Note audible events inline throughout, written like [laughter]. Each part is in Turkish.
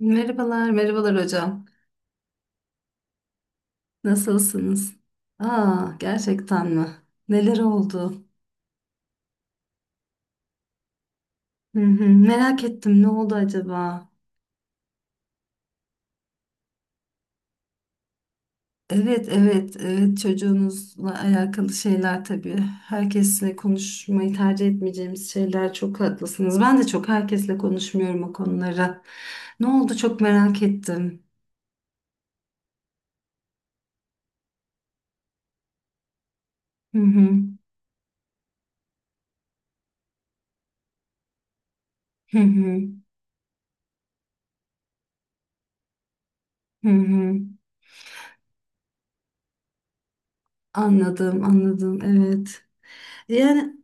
Merhabalar, merhabalar hocam. Nasılsınız? Aa, gerçekten mi? Neler oldu? Hı hı, merak ettim, ne oldu acaba? Evet, evet, evet. Çocuğunuzla alakalı şeyler tabii. Herkesle konuşmayı tercih etmeyeceğimiz şeyler. Çok haklısınız. Ben de çok herkesle konuşmuyorum o konuları. Ne oldu? Çok merak ettim. Hı hı, hı hı, hı hı. Anladım, anladım. Evet. Yani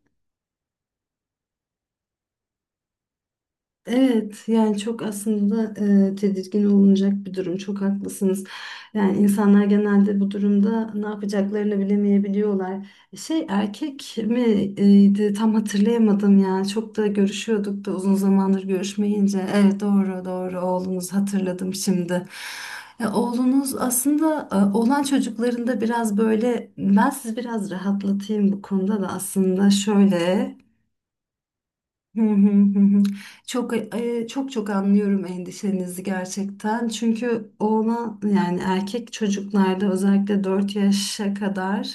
Evet, yani çok aslında tedirgin olunacak bir durum, çok haklısınız. Yani insanlar genelde bu durumda ne yapacaklarını bilemeyebiliyorlar. Erkek miydi, tam hatırlayamadım ya, çok da görüşüyorduk da uzun zamandır görüşmeyince. Evet, doğru doğru, oğlunuz, hatırladım şimdi. Oğlunuz aslında, olan çocuklarında biraz böyle, ben sizi biraz rahatlatayım bu konuda da, aslında şöyle. Hı hı, hı hı. Çok çok çok anlıyorum endişenizi gerçekten. Çünkü ona, yani erkek çocuklarda özellikle 4 yaşa kadar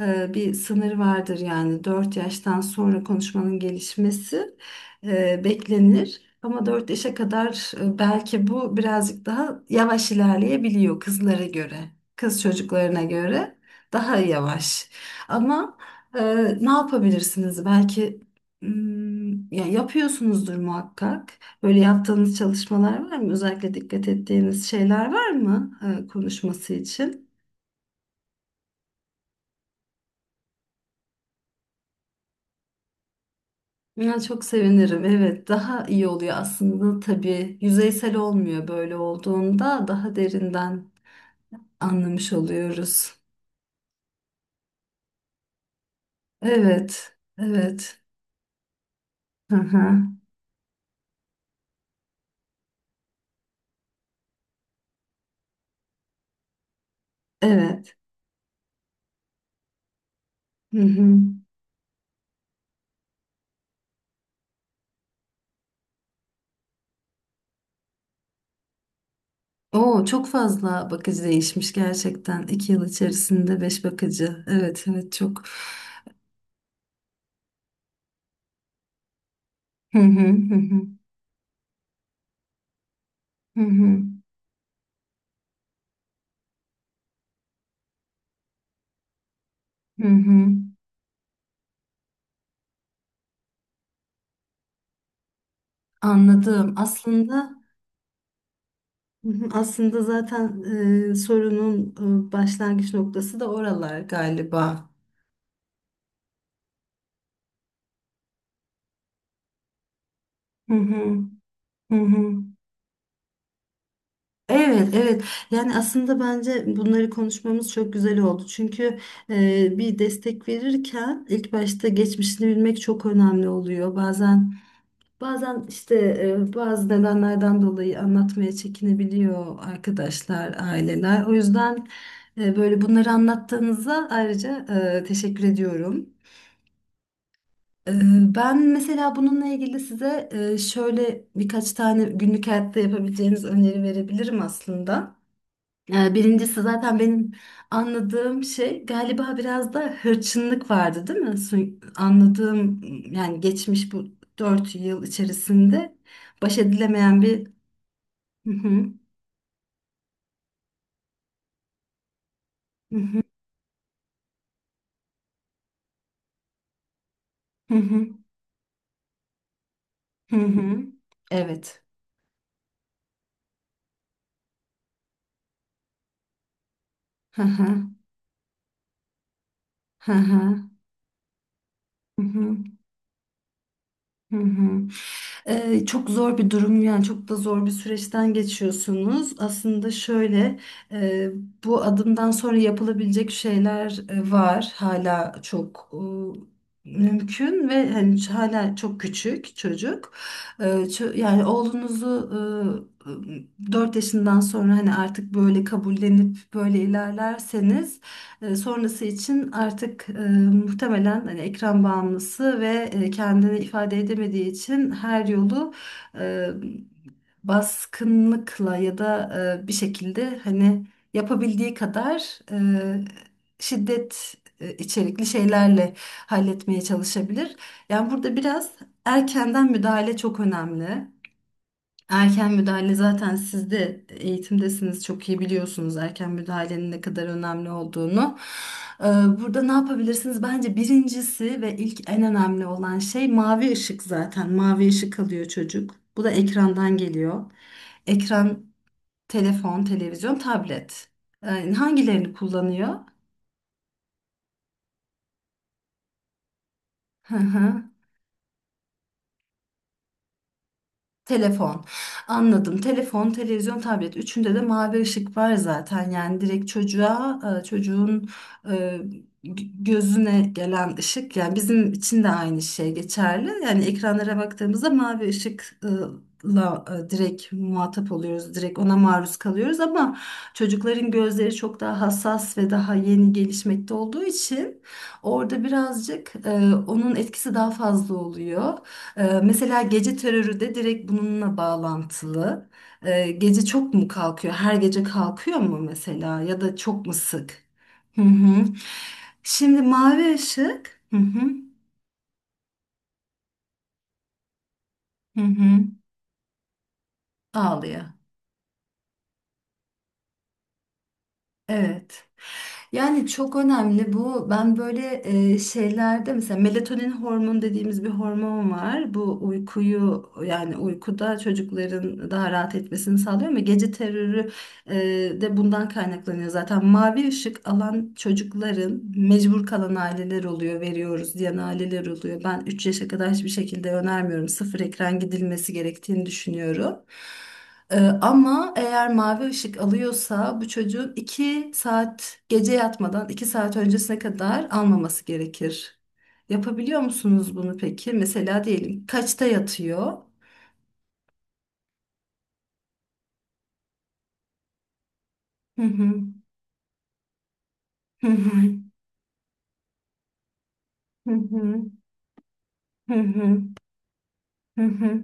bir sınır vardır, yani 4 yaştan sonra konuşmanın gelişmesi beklenir. Ama 4 yaşa kadar belki bu birazcık daha yavaş ilerleyebiliyor kızlara göre, kız çocuklarına göre daha yavaş. Ama ee, ne yapabilirsiniz? Ya yapıyorsunuzdur muhakkak. Böyle yaptığınız çalışmalar var mı? Özellikle dikkat ettiğiniz şeyler var mı konuşması için? Ya çok sevinirim. Evet, daha iyi oluyor aslında tabii. Yüzeysel olmuyor böyle olduğunda, daha derinden anlamış oluyoruz. Evet. Evet. Hı hı. Evet. Hı hı. Oo, çok fazla bakıcı değişmiş gerçekten. İki yıl içerisinde beş bakıcı. Evet, evet, çok. Hı hı, hı hı. Hı hı. Hı hı, anladım. Aslında, hı hı, aslında zaten sorunun başlangıç noktası da oralar galiba. Hı hı, hı hı. Evet, evet. Yani aslında bence bunları konuşmamız çok güzel oldu. Çünkü bir destek verirken ilk başta geçmişini bilmek çok önemli oluyor. Bazen, işte bazı nedenlerden dolayı anlatmaya çekinebiliyor arkadaşlar, aileler. O yüzden böyle bunları anlattığınıza ayrıca teşekkür ediyorum. E, Ben mesela bununla ilgili size şöyle birkaç tane günlük hayatta yapabileceğiniz öneri verebilirim aslında. Birincisi, zaten benim anladığım şey galiba biraz da hırçınlık vardı, değil mi? Anladığım, yani geçmiş bu dört yıl içerisinde baş edilemeyen bir... Hı hı, hı hı, hı hı, hı hı. Evet. Hı hı, hı hı, hı hı, hı hı. Çok zor bir durum, yani çok da zor bir süreçten geçiyorsunuz. Aslında şöyle, e, bu adımdan sonra yapılabilecek şeyler var. Hala çok mümkün ve hani, hala çok küçük çocuk. Yani oğlunuzu 4 yaşından sonra hani artık böyle kabullenip böyle ilerlerseniz, sonrası için artık, muhtemelen hani ekran bağımlısı ve kendini ifade edemediği için her yolu e, baskınlıkla ya da bir şekilde hani, yapabildiği kadar şiddet içerikli şeylerle halletmeye çalışabilir. Yani burada biraz erkenden müdahale çok önemli. Erken müdahale, zaten siz de eğitimdesiniz, çok iyi biliyorsunuz erken müdahalenin ne kadar önemli olduğunu. Ee, Burada ne yapabilirsiniz? Bence birincisi ve ilk en önemli olan şey mavi ışık zaten. Mavi ışık alıyor çocuk. Bu da ekrandan geliyor. Ekran, telefon, televizyon, tablet. Hangilerini kullanıyor? [laughs] Telefon. Anladım. Telefon, televizyon, tablet. Üçünde de mavi ışık var zaten. Yani direkt çocuğa, çocuğun e, gözüne gelen ışık. Yani bizim için de aynı şey geçerli. Yani ekranlara baktığımızda mavi ışıkla direkt muhatap oluyoruz. Direkt ona maruz kalıyoruz, ama çocukların gözleri çok daha hassas ve daha yeni gelişmekte olduğu için orada birazcık, onun etkisi daha fazla oluyor. Mesela gece terörü de direkt bununla bağlantılı. Gece çok mu kalkıyor? Her gece kalkıyor mu mesela? Ya da çok mu sık? Hı hı. Şimdi mavi ışık. Hı hı. Hı hı. Ağlıyor. Evet. Yani çok önemli bu. Ben böyle şeylerde mesela melatonin hormonu dediğimiz bir hormon var. Bu uykuyu, yani uykuda çocukların daha rahat etmesini sağlıyor, ama gece terörü e, de bundan kaynaklanıyor zaten. Mavi ışık alan çocukların mecbur kalan aileler oluyor, veriyoruz diyen aileler oluyor. Ben 3 yaşa kadar hiçbir şekilde önermiyorum. Sıfır ekran gidilmesi gerektiğini düşünüyorum. Ee, Ama eğer mavi ışık alıyorsa bu çocuğun 2 saat, gece yatmadan 2 saat öncesine kadar almaması gerekir. Yapabiliyor musunuz bunu peki? Mesela diyelim kaçta yatıyor? Hı hı. Hı hı. Hı hı. Hı hı. Hı hı.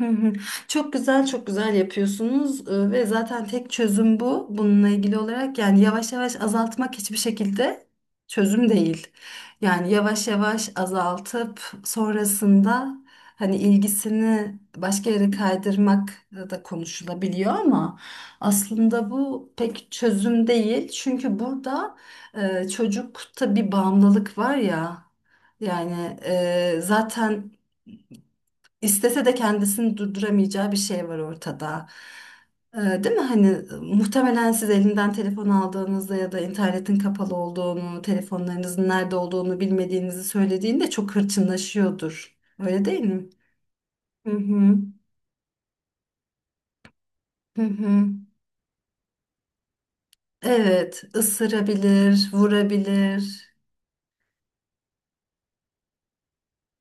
Hı hı. Çok güzel, çok güzel yapıyorsunuz. Ve zaten tek çözüm bu. Bununla ilgili olarak, yani yavaş yavaş azaltmak hiçbir şekilde çözüm değil. Yani yavaş yavaş azaltıp sonrasında hani ilgisini başka yere kaydırmak da konuşulabiliyor, ama aslında bu pek çözüm değil. Çünkü burada çocukta bir bağımlılık var ya. Yani zaten İstese de kendisini durduramayacağı bir şey var ortada. Ee, Değil mi? Hani muhtemelen siz elinden telefon aldığınızda ya da internetin kapalı olduğunu, telefonlarınızın nerede olduğunu bilmediğinizi söylediğinde çok hırçınlaşıyordur. Öyle değil mi? Hı hı. Hı hı. Evet, ısırabilir, vurabilir.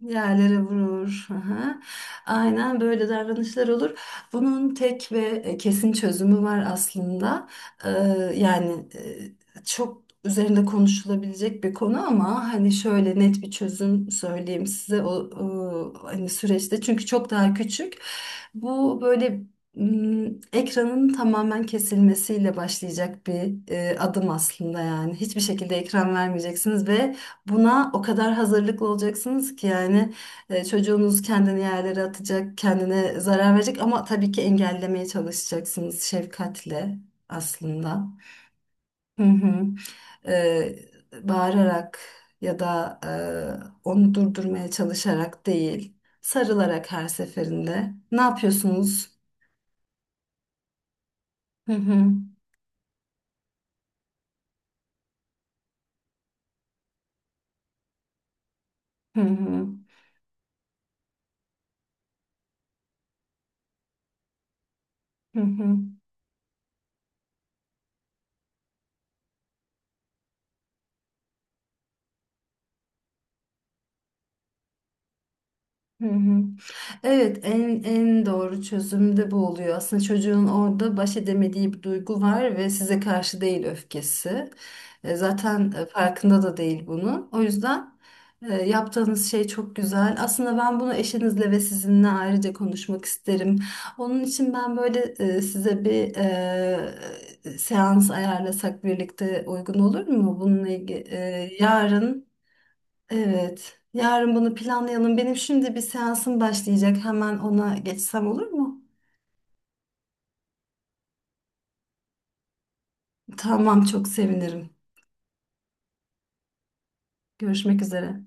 Yerlere vurur. Aha. Aynen böyle davranışlar olur. Bunun tek ve kesin çözümü var aslında. Ee, Yani çok üzerinde konuşulabilecek bir konu, ama hani şöyle net bir çözüm söyleyeyim size, o hani süreçte, çünkü çok daha küçük. Bu böyle, ekranın tamamen kesilmesiyle başlayacak bir adım aslında, yani. Hiçbir şekilde ekran vermeyeceksiniz ve buna o kadar hazırlıklı olacaksınız ki, yani çocuğunuz kendini yerlere atacak, kendine zarar verecek, ama tabii ki engellemeye çalışacaksınız, şefkatle aslında. Hı hı. E, Bağırarak ya da onu durdurmaya çalışarak değil, sarılarak her seferinde. Ne yapıyorsunuz? Hı hı. Hı hı. Hı hı. Hı hı. Evet, en doğru çözüm de bu oluyor. Aslında çocuğun orada baş edemediği bir duygu var ve size karşı değil öfkesi. Zaten farkında da değil bunun. O yüzden yaptığınız şey çok güzel. Aslında ben bunu eşinizle ve sizinle ayrıca konuşmak isterim. Onun için ben böyle size bir seans ayarlasak birlikte, uygun olur mu? Bununla ilgili yarın. Evet. Yarın bunu planlayalım. Benim şimdi bir seansım başlayacak. Hemen ona geçsem olur mu? Tamam, çok sevinirim. Görüşmek üzere.